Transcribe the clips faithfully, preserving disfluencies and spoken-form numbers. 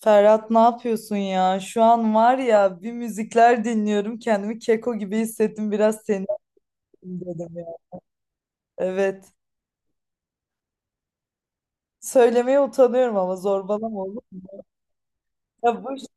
Ferhat ne yapıyorsun ya? Şu an var ya bir müzikler dinliyorum. Kendimi keko gibi hissettim. Biraz seni arayayım dedim ya. Evet. Söylemeye utanıyorum ama zorbalama olur mu? Ya bu işte,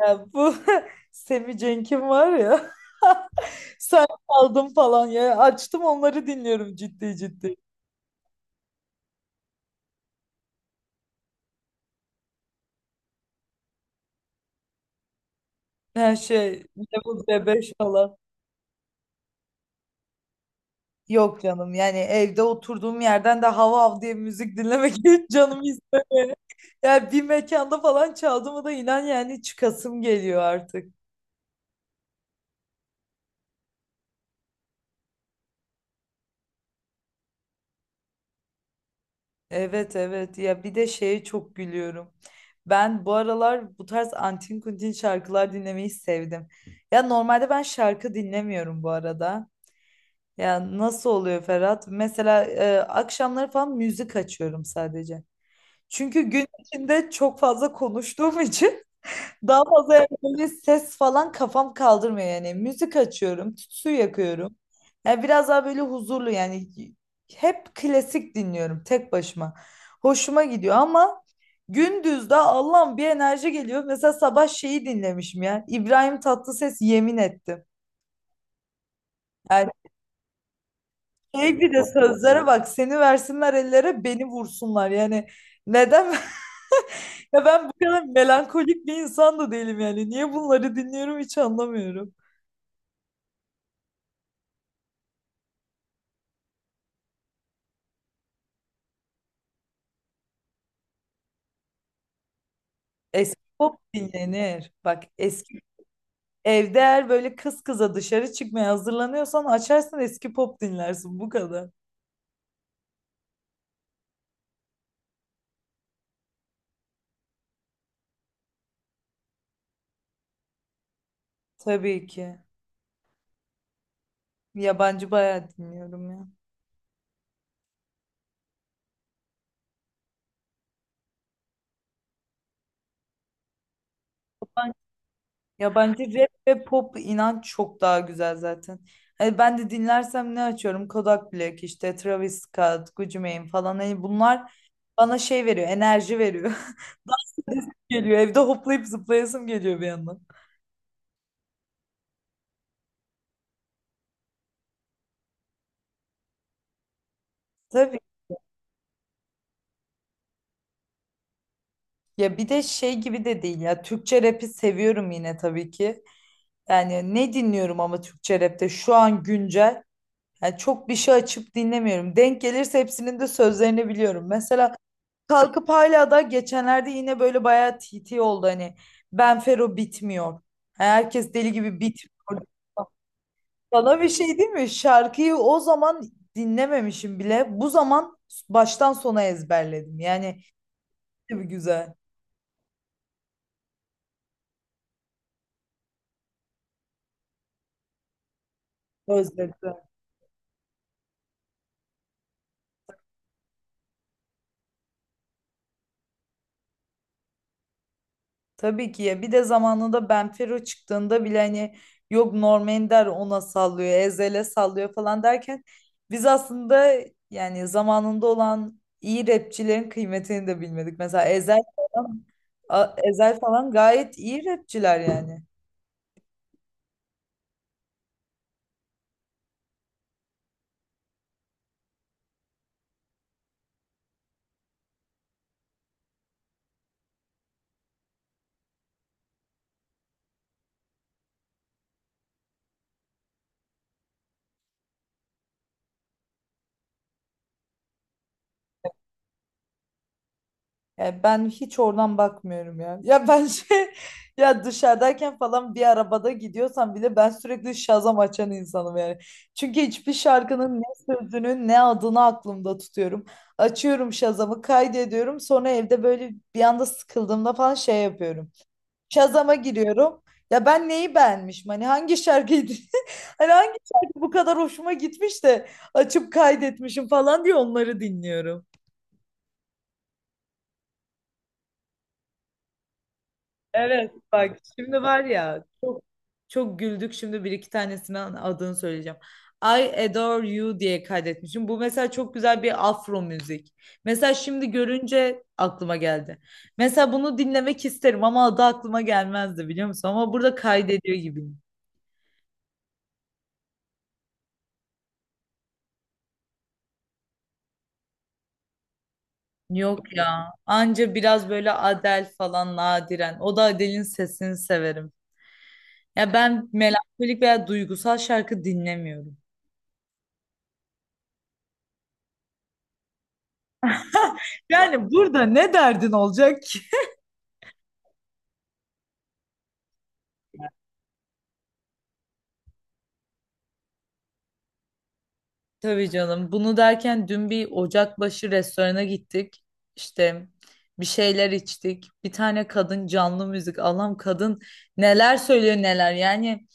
ya bu Semih Cenk'in var ya. Sen aldın falan ya. Açtım onları dinliyorum ciddi ciddi. Her şey Level C beş falan. Yok canım, yani evde oturduğum yerden de hav hav diye müzik dinlemek hiç canım istemiyor. Yani bir mekanda falan çaldı mı da inan yani çıkasım geliyor artık. Evet evet, ya bir de şeye çok gülüyorum. Ben bu aralar bu tarz antin kuntin şarkılar dinlemeyi sevdim. Ya normalde ben şarkı dinlemiyorum bu arada. Ya nasıl oluyor Ferhat? Mesela e, akşamları falan müzik açıyorum sadece. Çünkü gün içinde çok fazla konuştuğum için daha fazla yani böyle ses falan kafam kaldırmıyor yani. Müzik açıyorum, tütsü yakıyorum. Yani biraz daha böyle huzurlu yani hep klasik dinliyorum tek başıma. Hoşuma gidiyor ama gündüz de Allah'ım bir enerji geliyor. Mesela sabah şeyi dinlemişim ya. İbrahim Tatlıses yemin etti. Yani sürekli de sözlere bak, seni versinler ellere beni vursunlar. Yani neden? Ya ben bu kadar melankolik bir insan da değilim yani. Niye bunları dinliyorum hiç anlamıyorum. Eski pop dinlenir. Bak eski evde eğer böyle kız kıza dışarı çıkmaya hazırlanıyorsan açarsın eski pop dinlersin bu kadar. Tabii ki. Yabancı bayağı dinliyorum ya. Yabancı rap ve pop inan çok daha güzel zaten. Hani ben de dinlersem ne açıyorum? Kodak Black işte Travis Scott, Gucci Mane falan. Hani bunlar bana şey veriyor, enerji veriyor. Geliyor evde hoplayıp zıplayasım geliyor bir yandan. Tabii. Ya bir de şey gibi de değil ya. Türkçe rap'i seviyorum yine tabii ki. Yani ne dinliyorum ama Türkçe rapte şu an güncel. Yani çok bir şey açıp dinlemiyorum. Denk gelirse hepsinin de sözlerini biliyorum. Mesela kalkıp hala da geçenlerde yine böyle bayağı T T oldu hani. Benfero bitmiyor. Yani herkes deli gibi bitmiyor. Sana bir şey değil mi? Şarkıyı o zaman dinlememişim bile. Bu zaman baştan sona ezberledim. Yani ne bir güzel. Özledim. Tabii ki, ya bir de zamanında Benfero çıktığında bile hani yok Norm Ender ona sallıyor, Ezhel'e sallıyor falan derken biz aslında yani zamanında olan iyi rapçilerin kıymetini de bilmedik. Mesela Ezhel falan, A- Ezhel falan gayet iyi rapçiler yani. Yani ben hiç oradan bakmıyorum ya. Ya ben şey ya dışarıdayken falan bir arabada gidiyorsam bile ben sürekli Shazam açan insanım yani. Çünkü hiçbir şarkının ne sözünü ne adını aklımda tutuyorum. Açıyorum Shazam'ı kaydediyorum. Sonra evde böyle bir anda sıkıldığımda falan şey yapıyorum. Shazam'a giriyorum. Ya ben neyi beğenmişim? Hani hangi şarkıydı? Hani hangi şarkı bu kadar hoşuma gitmiş de açıp kaydetmişim falan diye onları dinliyorum. Evet bak şimdi var ya çok çok güldük, şimdi bir iki tanesini adını söyleyeceğim. I Adore You diye kaydetmişim. Bu mesela çok güzel bir afro müzik. Mesela şimdi görünce aklıma geldi. Mesela bunu dinlemek isterim ama adı aklıma gelmezdi biliyor musun? Ama burada kaydediyor gibiyim. Yok ya. Anca biraz böyle Adele falan nadiren. O da Adele'in sesini severim. Ya ben melankolik veya duygusal şarkı dinlemiyorum. Yani burada ne derdin olacak. Tabii canım. Bunu derken dün bir Ocakbaşı restorana gittik. İşte bir şeyler içtik. Bir tane kadın canlı müzik. Allah'ım, kadın neler söylüyor neler. Yani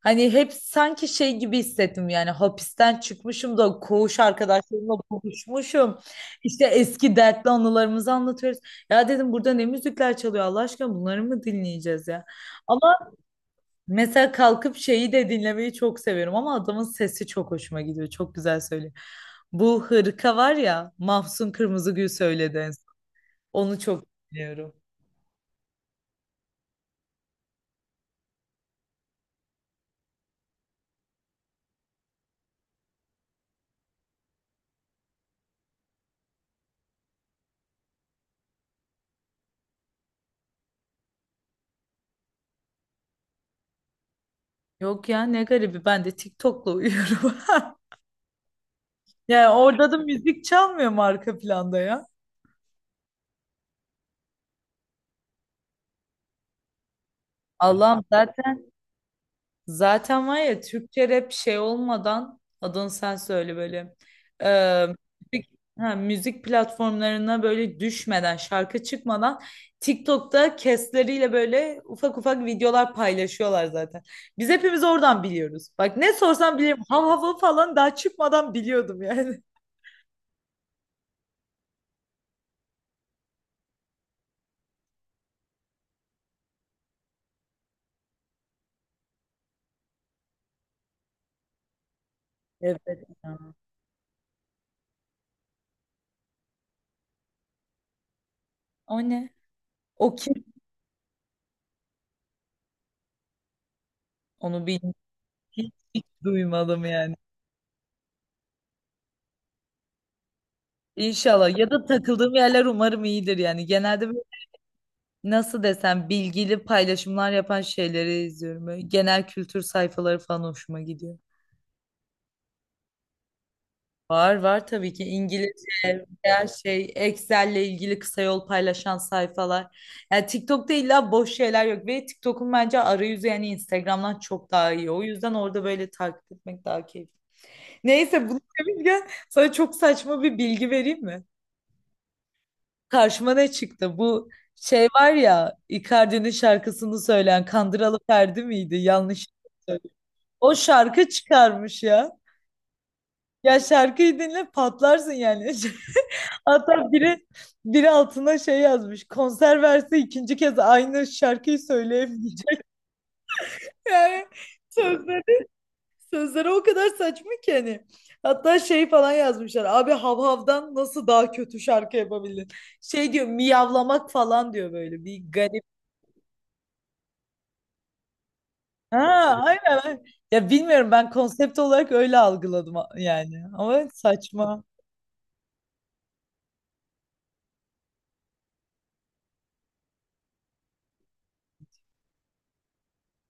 hani hep sanki şey gibi hissettim, yani hapisten çıkmışım da koğuş arkadaşlarımla buluşmuşum. İşte eski dertli anılarımızı anlatıyoruz. Ya dedim burada ne müzikler çalıyor Allah aşkına, bunları mı dinleyeceğiz ya? Mesela kalkıp şeyi de dinlemeyi çok seviyorum ama adamın sesi çok hoşuma gidiyor. Çok güzel söylüyor. Bu hırka var ya, Mahsun Kırmızıgül söyledi en son. Onu çok dinliyorum. Yok ya, ne garibi, ben de TikTok'la uyuyorum. Yani orada da müzik çalmıyor mu arka planda ya? Allah'ım, zaten Zaten var ya Türkçe rap şey olmadan adını sen söyle böyle. Ee, müzik, ha, müzik platformlarına böyle düşmeden şarkı çıkmadan TikTok'ta kesleriyle böyle ufak ufak videolar paylaşıyorlar zaten. Biz hepimiz oradan biliyoruz. Bak ne sorsam bilirim. Hav hav falan daha çıkmadan biliyordum yani. Evet, ya. O ne? O kim? Onu bilmiyorum. Hiç, hiç duymadım yani. İnşallah, ya da takıldığım yerler umarım iyidir, yani genelde böyle nasıl desem bilgili paylaşımlar yapan şeyleri izliyorum, böyle genel kültür sayfaları falan hoşuma gidiyor. Var var, tabii ki İngilizce her şey Excel'le ilgili kısa yol paylaşan sayfalar. Yani TikTok'ta illa boş şeyler yok ve TikTok'un bence arayüzü yani Instagram'dan çok daha iyi. O yüzden orada böyle takip etmek daha keyifli. Neyse bunu demişken sana çok saçma bir bilgi vereyim mi? Karşıma ne çıktı? Bu şey var ya, Icardi'nin şarkısını söyleyen Kandıralı Ferdi miydi? Yanlış söyledim. O şarkı çıkarmış ya. Ya şarkıyı dinle patlarsın yani. Hatta biri biri altına şey yazmış. Konser verse ikinci kez aynı şarkıyı söyleyemeyecek. Yani sözleri, sözleri o kadar saçma ki hani. Hatta şey falan yazmışlar. Abi Havhav'dan nasıl daha kötü şarkı yapabildin? Şey diyor, miyavlamak falan diyor böyle. Bir garip. Ha, aynen. Aynen. Ya bilmiyorum, ben konsept olarak öyle algıladım a- yani. Ama saçma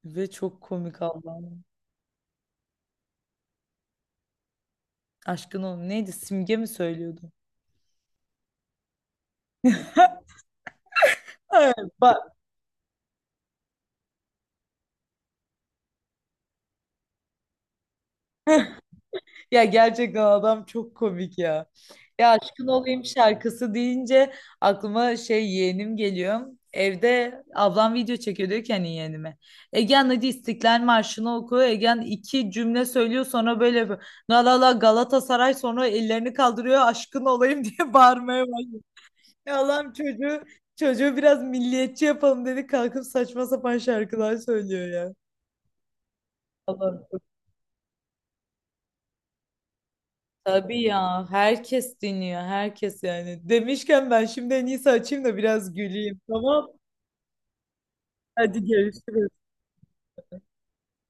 ve çok komik Allah'ım. Aşkın oğlum neydi? Simge mi söylüyordu? Evet. Ya gerçekten adam çok komik ya. Ya aşkın olayım şarkısı deyince aklıma şey yeğenim geliyor. Evde ablam video çekiyor diyor ki hani yeğenime. Egen hadi İstiklal Marşı'nı oku. Egen iki cümle söylüyor sonra böyle yapıyor. La la la Galatasaray, sonra ellerini kaldırıyor aşkın olayım diye bağırmaya başlıyor. Ya Allah'ım çocuğu çocuğu biraz milliyetçi yapalım dedi, kalkıp saçma sapan şarkılar söylüyor ya. Allah'ım. Tabii ya, herkes dinliyor herkes yani. Demişken ben şimdi en iyisi açayım da biraz güleyim, tamam. Hadi görüşürüz.